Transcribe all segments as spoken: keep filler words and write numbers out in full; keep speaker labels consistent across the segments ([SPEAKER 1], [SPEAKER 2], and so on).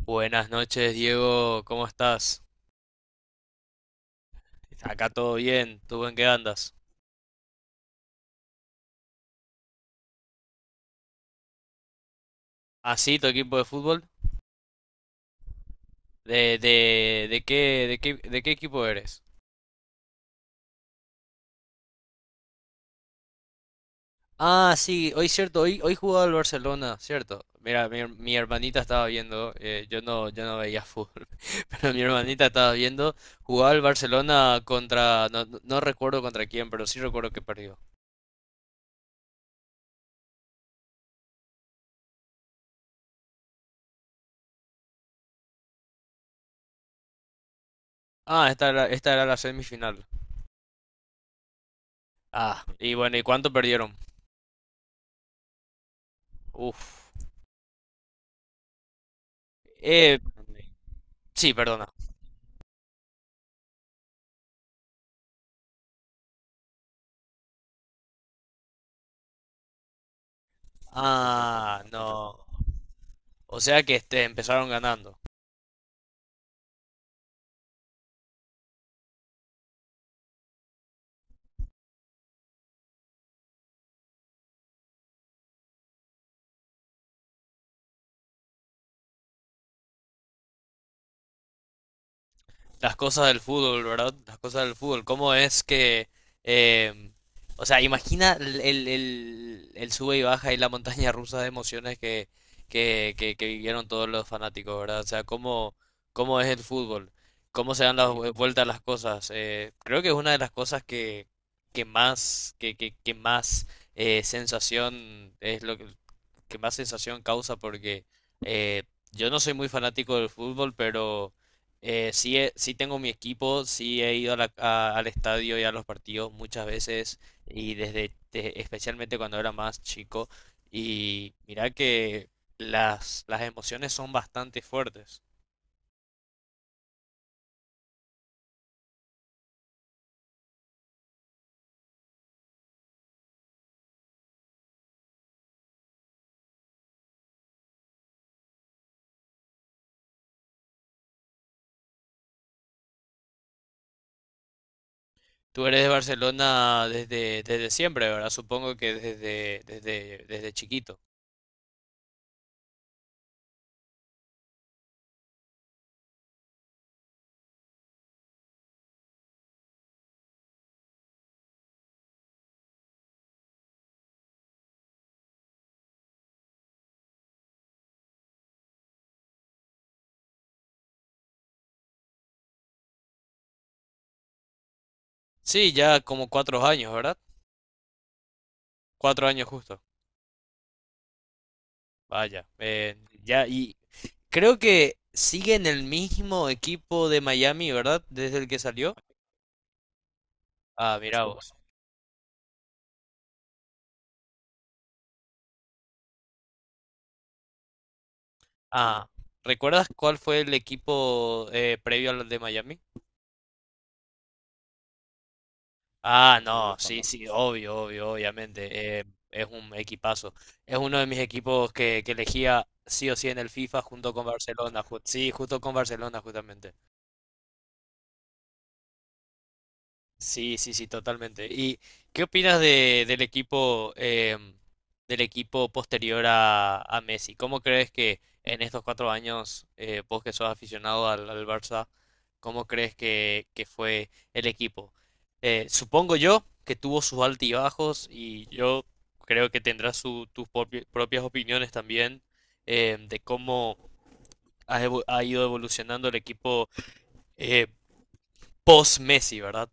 [SPEAKER 1] Buenas noches, Diego, ¿cómo estás? Acá todo bien, ¿tú en qué andas? ¿Ah, sí, tu equipo de fútbol? ¿De, de, de qué, de qué, de qué equipo eres? Ah, sí, hoy cierto, hoy, hoy jugaba el Barcelona, cierto. Mira, mi, her- mi hermanita estaba viendo, eh, yo no, yo no veía fútbol, pero mi hermanita estaba viendo, jugaba el Barcelona contra, no, no no recuerdo contra quién, pero sí recuerdo que perdió. Ah, esta era, esta era la semifinal. Ah, y bueno, ¿y cuánto perdieron? Uf. Eh, sí, perdona. Ah, no. O sea que este, empezaron ganando. Las cosas del fútbol, ¿verdad? Las cosas del fútbol. ¿Cómo es que... em, o sea, imagina el, el- el- el sube y baja y la montaña rusa de emociones que, que, que- que vivieron todos los fanáticos, ¿verdad? O sea, ¿cómo, cómo es el fútbol? ¿Cómo se dan las vue- vueltas las cosas? Eh, creo que es una de las cosas que, que más, que, que, que más eh, sensación es lo que... que más sensación causa porque eh, yo no soy muy fanático del fútbol, pero eh, sí, he- sí tengo mi equipo, sí he ido a la- a- al estadio y a los partidos muchas veces y desde de- especialmente cuando era más chico y mira que las, las emociones son bastante fuertes. Tú eres de Barcelona desde, desde siempre, ¿verdad? Supongo que desde, desde, desde chiquito. Sí, ya como cuatro años, ¿verdad? Cuatro años justo. Vaya. eh, ya, y, Creo que sigue en el mismo equipo de Miami, ¿verdad? Desde el que salió. Ah, mira vos. Ah, ¿recuerdas cuál fue el equipo eh, previo al de Miami? Ah, no, sí, sí, obvio, obvio, obviamente. Eh, es un equipazo. Es uno de mis equipos que, que elegía sí o sí en el FIFA junto con Barcelona. Ju- sí, justo con Barcelona, justamente. Sí, sí, sí, totalmente. ¿Y qué opinas de, del equipo em, del equipo posterior a, a Messi? ¿Cómo crees que en estos cuatro años, eh, vos que sos aficionado al, al Barça, cómo crees que, que fue el equipo? Eh, supongo yo que tuvo sus altibajos y yo creo que tendrás su- tus propi- propias opiniones también em, de cómo ha, evo- ha ido evolucionando el equipo eh, post-Messi, ¿verdad?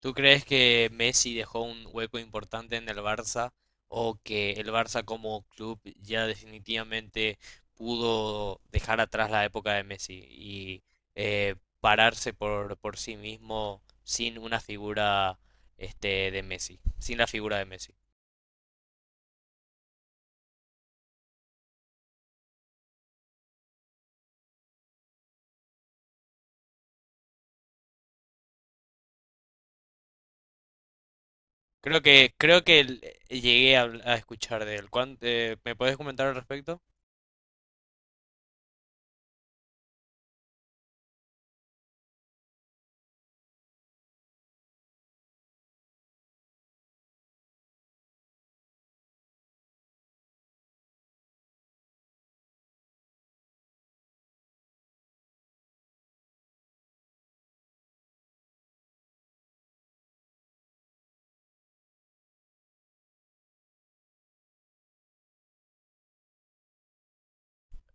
[SPEAKER 1] ¿Tú crees que Messi dejó un hueco importante en el Barça o que el Barça como club ya definitivamente pudo dejar atrás la época de Messi y eh, pararse por, por sí mismo sin una figura este, de Messi, sin la figura de Messi? Creo que creo que el- eh, llegué a, a escuchar de él. ¿Cuán- eh, me puedes comentar al respecto?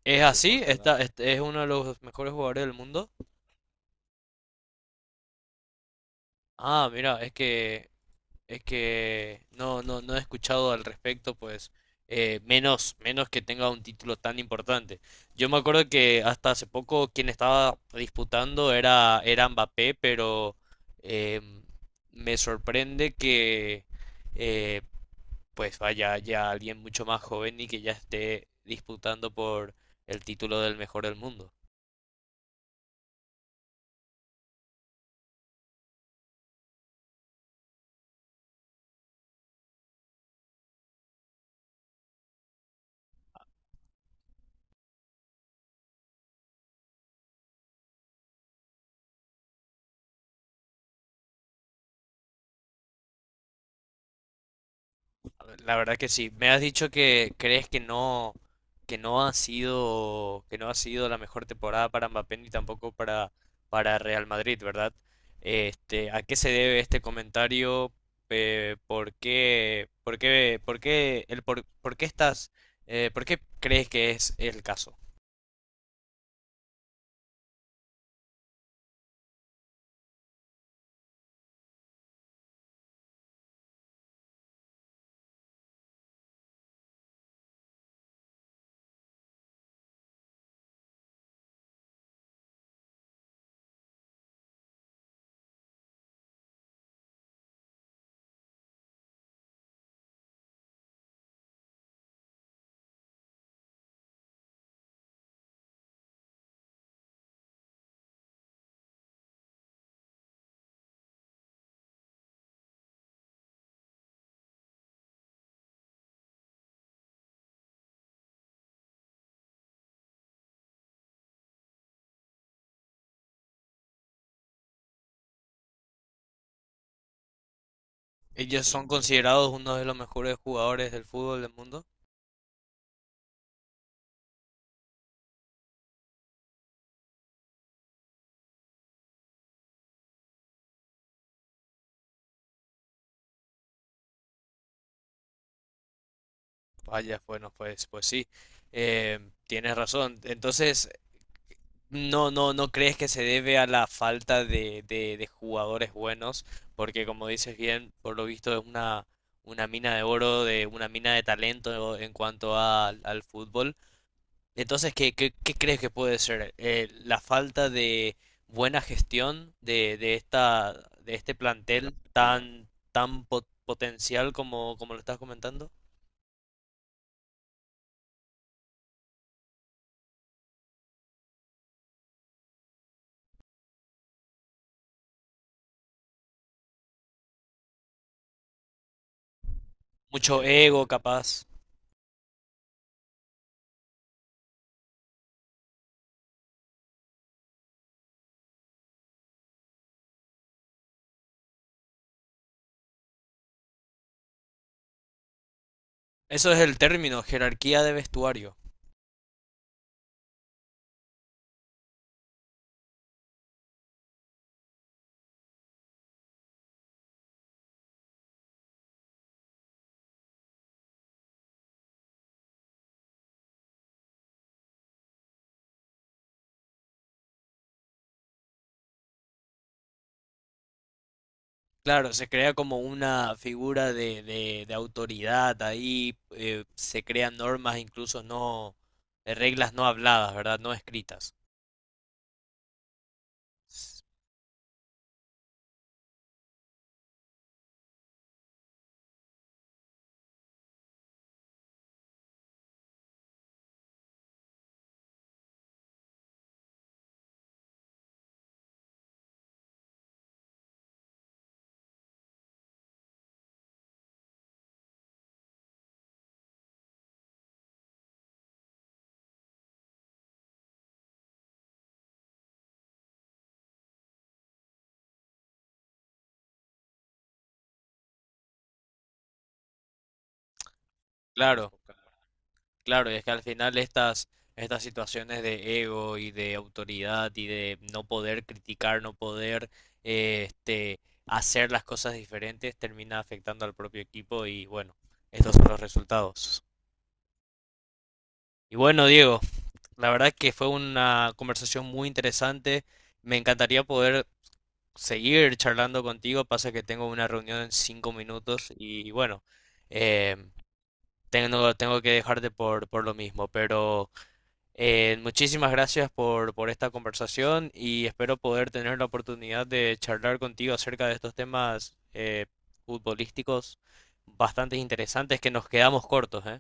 [SPEAKER 1] ¿Es sí, así? Por ¿Está, supuesto. Este- es uno de los mejores jugadores del mundo? Ah, mira, es que es que no, no, no he escuchado al respecto, pues eh, menos, menos que tenga un título tan importante. Yo me acuerdo que hasta hace poco quien estaba disputando era, era Mbappé, pero eh, me sorprende que eh, pues vaya ya alguien mucho más joven y que ya esté disputando por el título del mejor del mundo. La verdad que sí. Me has dicho que crees que no, que no ha sido, que no ha sido la mejor temporada para Mbappé ni tampoco para, para Real Madrid, ¿verdad? Este, ¿a qué se debe este comentario? Eh, ¿por qué, por qué, por qué, el por, por qué estás, eh, por qué crees que es el caso? Ellos son considerados uno de los mejores jugadores del fútbol del mundo. Vaya, bueno, pues, pues sí, eh, tienes razón. Entonces, no, no, no crees que se debe a la falta de, de- de jugadores buenos, porque como dices bien, por lo visto es una, una mina de oro, de una mina de talento en cuanto a- al fútbol. Entonces, ¿qué, qué- qué crees que puede ser? Eh, ¿la falta de buena gestión de, de esta, de este plantel tan, tan po- potencial como, como lo estás comentando? Mucho ego, capaz. Eso es el término, jerarquía de vestuario. Claro, se crea como una figura de, de, de autoridad ahí, eh, se crean normas incluso no, eh, reglas no habladas, ¿verdad? No escritas. S- claro, claro, y es que al final estas, estas situaciones de ego y de autoridad y de no poder criticar, no poder eh, este, hacer las cosas diferentes, termina afectando al propio equipo y bueno, estos son los resultados. Y bueno, Diego. La verdad que fue una conversación muy interesante. Me encantaría poder seguir charlando contigo. Pasa que tengo una reunión en cinco minutos y bueno, eh, tengo, tengo que dejarte por, por lo mismo. Pero eh, muchísimas gracias por, por esta conversación y espero poder tener la oportunidad de charlar contigo acerca de estos temas eh, futbolísticos bastante interesantes que nos quedamos cortos, ¿eh?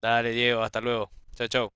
[SPEAKER 1] Dale, Diego, hasta luego. Chao, chao.